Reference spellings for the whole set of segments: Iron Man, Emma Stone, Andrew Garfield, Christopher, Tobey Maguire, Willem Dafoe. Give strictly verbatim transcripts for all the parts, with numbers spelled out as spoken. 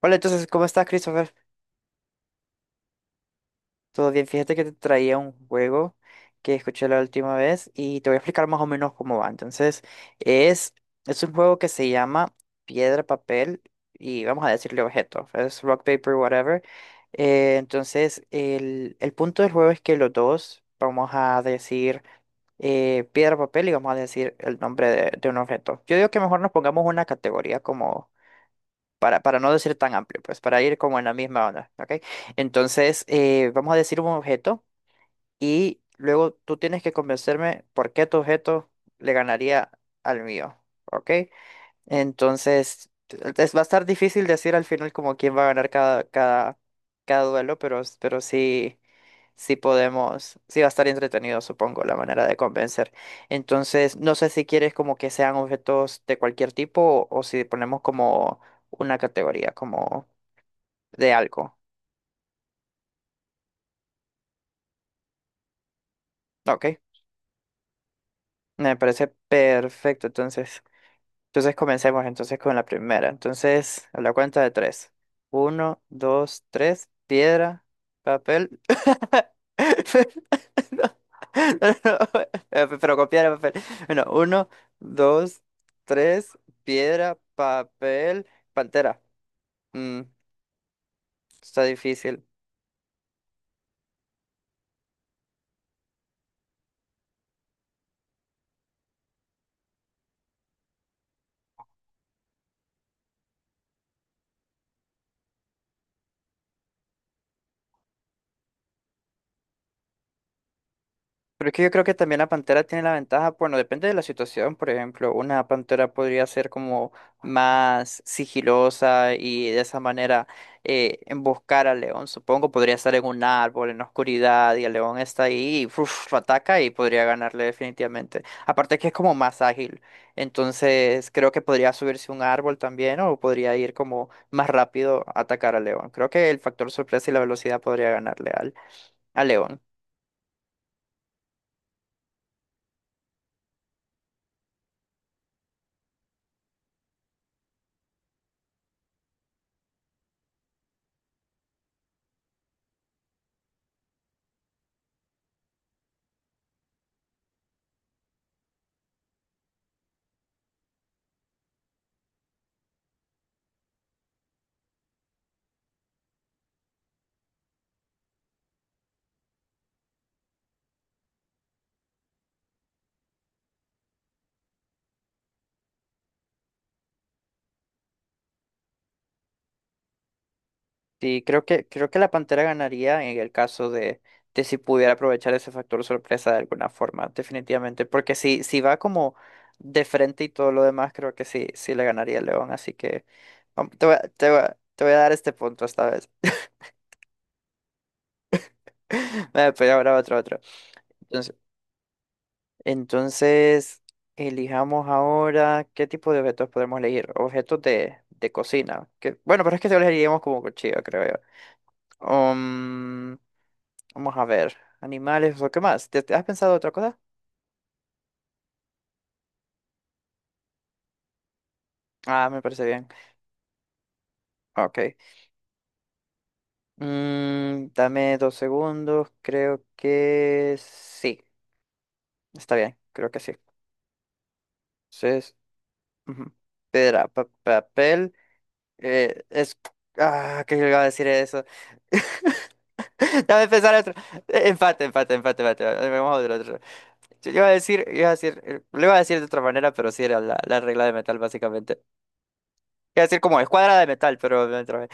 Hola, entonces, ¿cómo estás, Christopher? Todo bien, fíjate que te traía un juego que escuché la última vez y te voy a explicar más o menos cómo va. Entonces, es, es un juego que se llama Piedra, Papel y vamos a decirle objeto, es Rock, Paper, whatever. Eh, entonces, el, el punto del juego es que los dos vamos a decir eh, piedra, papel y vamos a decir el nombre de, de un objeto. Yo digo que mejor nos pongamos una categoría como para, para no decir tan amplio, pues para ir como en la misma onda, ¿ok? Entonces, eh, vamos a decir un objeto y luego tú tienes que convencerme por qué tu objeto le ganaría al mío, ¿ok? Entonces, es, va a estar difícil decir al final como quién va a ganar cada, cada, cada duelo, pero, pero sí si podemos, si va a estar entretenido, supongo, la manera de convencer. Entonces, no sé si quieres como que sean objetos de cualquier tipo o, o si ponemos como una categoría, como de algo. Ok, me parece perfecto, entonces. Entonces comencemos entonces con la primera. Entonces, a la cuenta de tres. Uno, dos, tres. Piedra, papel. No, no, no, eh, pero con piedra, papel. Bueno, uno, dos, tres. Piedra, papel, pantera. Mm, está difícil. Pero es que yo creo que también la pantera tiene la ventaja, bueno, depende de la situación, por ejemplo, una pantera podría ser como más sigilosa y de esa manera eh, emboscar al león, supongo, podría estar en un árbol, en la oscuridad, y el león está ahí, y, uf, ataca y podría ganarle definitivamente. Aparte que es como más ágil, entonces creo que podría subirse a un árbol también o podría ir como más rápido a atacar al león. Creo que el factor sorpresa y la velocidad podría ganarle al, al león. Sí, creo que, creo que la Pantera ganaría en el caso de, de si pudiera aprovechar ese factor sorpresa de alguna forma, definitivamente. Porque si, si va como de frente y todo lo demás, creo que sí, sí le ganaría el León. Así que vam- te voy a, te voy a- te voy a dar este punto esta vez. Vale, pero ahora otro, otro. Entonces, entonces, Elijamos ahora qué tipo de objetos podemos elegir. Objetos de, de cocina. Que, bueno, pero es que se elegiríamos como cuchillo, creo yo. Um, Vamos a ver. Animales o qué más. ¿Te, te has pensado otra cosa? Ah, me parece bien. Ok. Mm, dame dos segundos. Creo que sí. Está bien. Creo que sí. Entonces, ujú. Piedra, pa- papel. Eh, es. Ah, ¿qué iba a decir eso? Dame pensar otro. Eh, Empate, empate, empate, empate, empate. Vamos a ver otro. Yo iba a decir, iba a decir, eh, lo iba a decir de otra manera, pero sí era la, la regla de metal, básicamente. Iba a decir como escuadra de metal, pero me trabé.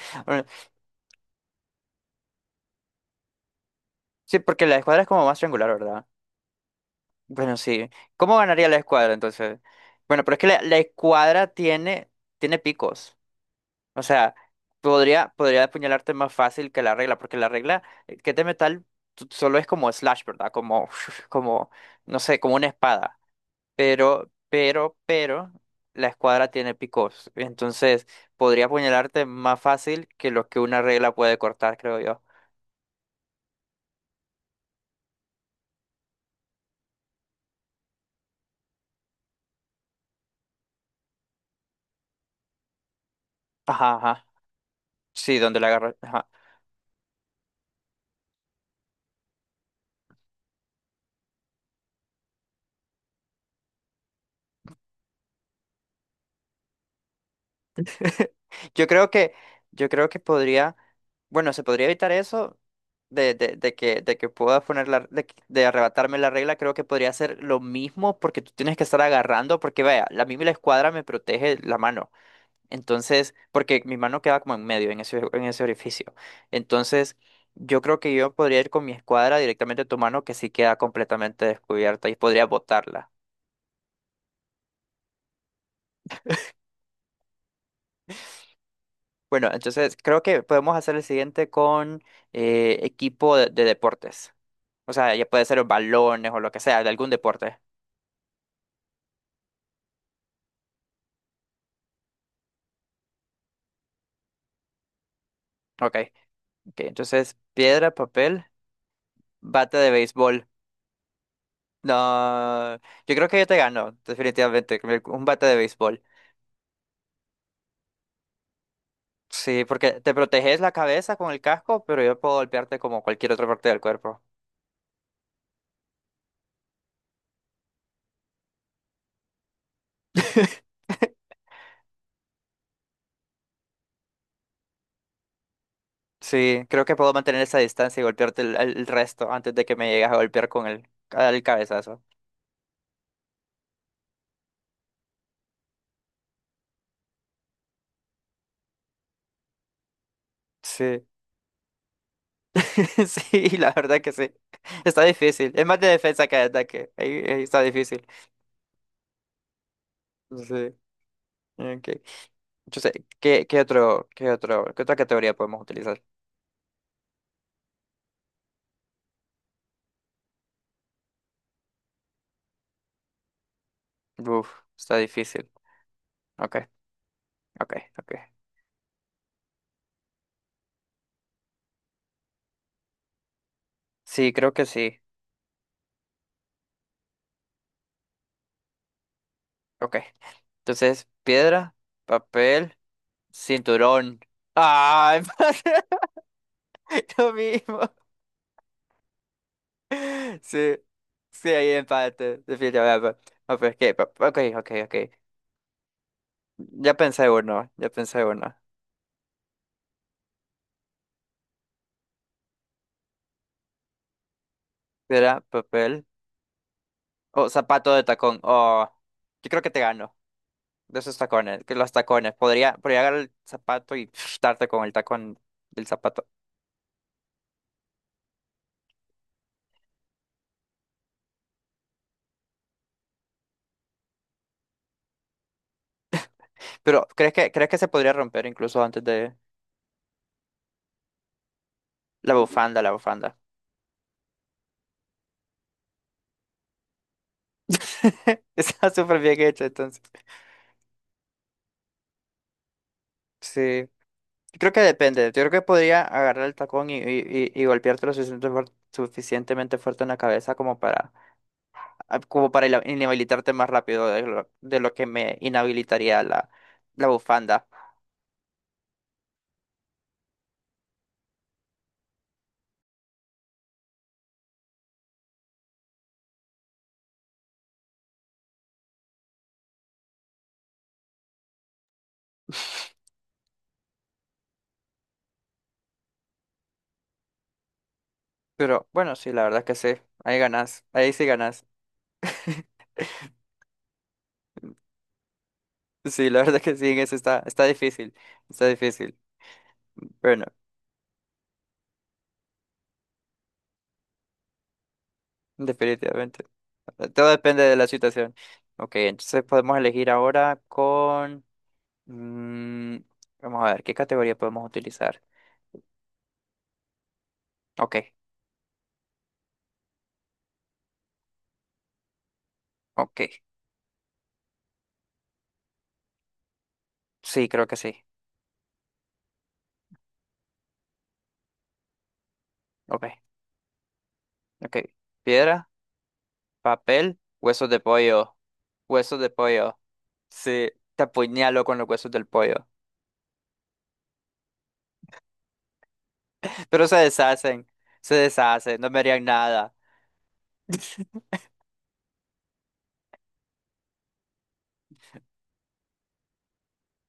Sí, porque la escuadra es como más triangular, ¿verdad? Bueno, sí. ¿Cómo ganaría la escuadra entonces? Bueno, pero es que la, la escuadra tiene, tiene picos. O sea, podría, podría apuñalarte más fácil que la regla, porque la regla eh, que es de metal tú- solo es como slash, ¿verdad? Como, como, no sé, como una espada. Pero, pero, pero la escuadra tiene picos. Entonces, podría apuñalarte más fácil que lo que una regla puede cortar, creo yo. Ajá, ajá. Sí, donde la agarra. Yo creo que, yo creo que podría, bueno, se podría evitar eso de, de, de que, de que pueda poner la, de, que- de arrebatarme la regla, creo que podría ser lo mismo porque tú tienes que estar agarrando, porque vaya, la mí la escuadra me protege la mano. Entonces, porque mi mano queda como en medio, en ese, en ese orificio. Entonces, yo creo que yo podría ir con mi escuadra directamente a tu mano que sí queda completamente descubierta y podría botarla. Bueno, entonces creo que podemos hacer el siguiente con eh, equipo de de deportes. O sea, ya puede ser los balones o lo que sea, de algún deporte. Ok, ok. Entonces, piedra, papel, bate de béisbol. No, yo creo que yo te gano, definitivamente, con el- un bate de béisbol. Sí, porque te proteges la cabeza con el casco, pero yo puedo golpearte como cualquier otra parte del cuerpo. Sí, creo que puedo mantener esa distancia y golpearte el, el el resto antes de que me llegues a golpear con el, el cabezazo. Sí. Sí, la verdad que sí. Está difícil. Es más de defensa que de ataque. Ahí- ahí está difícil. Sí, ok. Entonces ¿qué, qué otro, qué otro, qué otra categoría podemos utilizar? Uf, está difícil. Ok, ok, ok. Sí, creo que sí. Ok. Entonces, piedra, papel, cinturón. ¡Ay, madre, lo mismo! Sí, sí, hay empate, definitivamente. Ah, pues, ¿qué? Pa- Ok, ok, ok. Ya pensé uno, ya pensé uno. Piedra, papel. Oh, zapato de tacón. Oh, yo creo que te gano. De esos tacones, que los tacones. Podría, podría agarrar el zapato y darte con el tacón del zapato. Pero ¿crees que, crees que se podría romper incluso antes de la bufanda, la bufanda? Está súper bien hecho, entonces. Sí. Creo que depende. Yo creo que podría agarrar el tacón y, y, y, y golpearte lo suficiente fuer- suficientemente fuerte en la cabeza como para, ah, como para ina- inhabilitarte más rápido de lo, de lo que me inhabilitaría la, la bufanda. Pero bueno, sí, la verdad que sí. Ahí ganas. Ahí sí ganas. Sí, la verdad que sí, en eso está, está difícil, está difícil. Bueno, definitivamente. Todo depende de la situación. Ok, entonces podemos elegir ahora con... mm, vamos a ver, ¿qué categoría podemos utilizar? Ok, ok. Sí, creo que sí. Ok, ok. Piedra, papel, huesos de pollo. Huesos de pollo. Sí, te apuñalo con los huesos del pollo. Pero se deshacen, se deshacen, no me harían nada.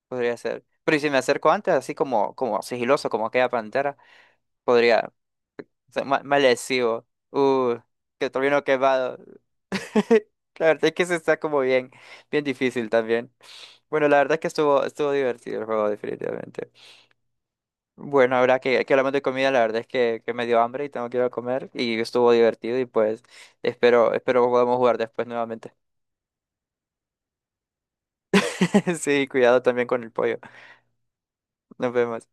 Podría ser. Pero ¿y si me acerco antes, así como, como sigiloso, como aquella pantera, podría ser ma- malecido. Uh, que todavía no quemado. La verdad es que se está como bien, bien difícil también. Bueno, la verdad es que estuvo, estuvo divertido el juego, definitivamente. Bueno, ahora que, que hablamos de comida, la verdad es que, que me dio hambre y tengo que ir a comer. Y estuvo divertido y pues espero, espero podamos jugar después nuevamente. Sí, cuidado también con el pollo. Nos vemos.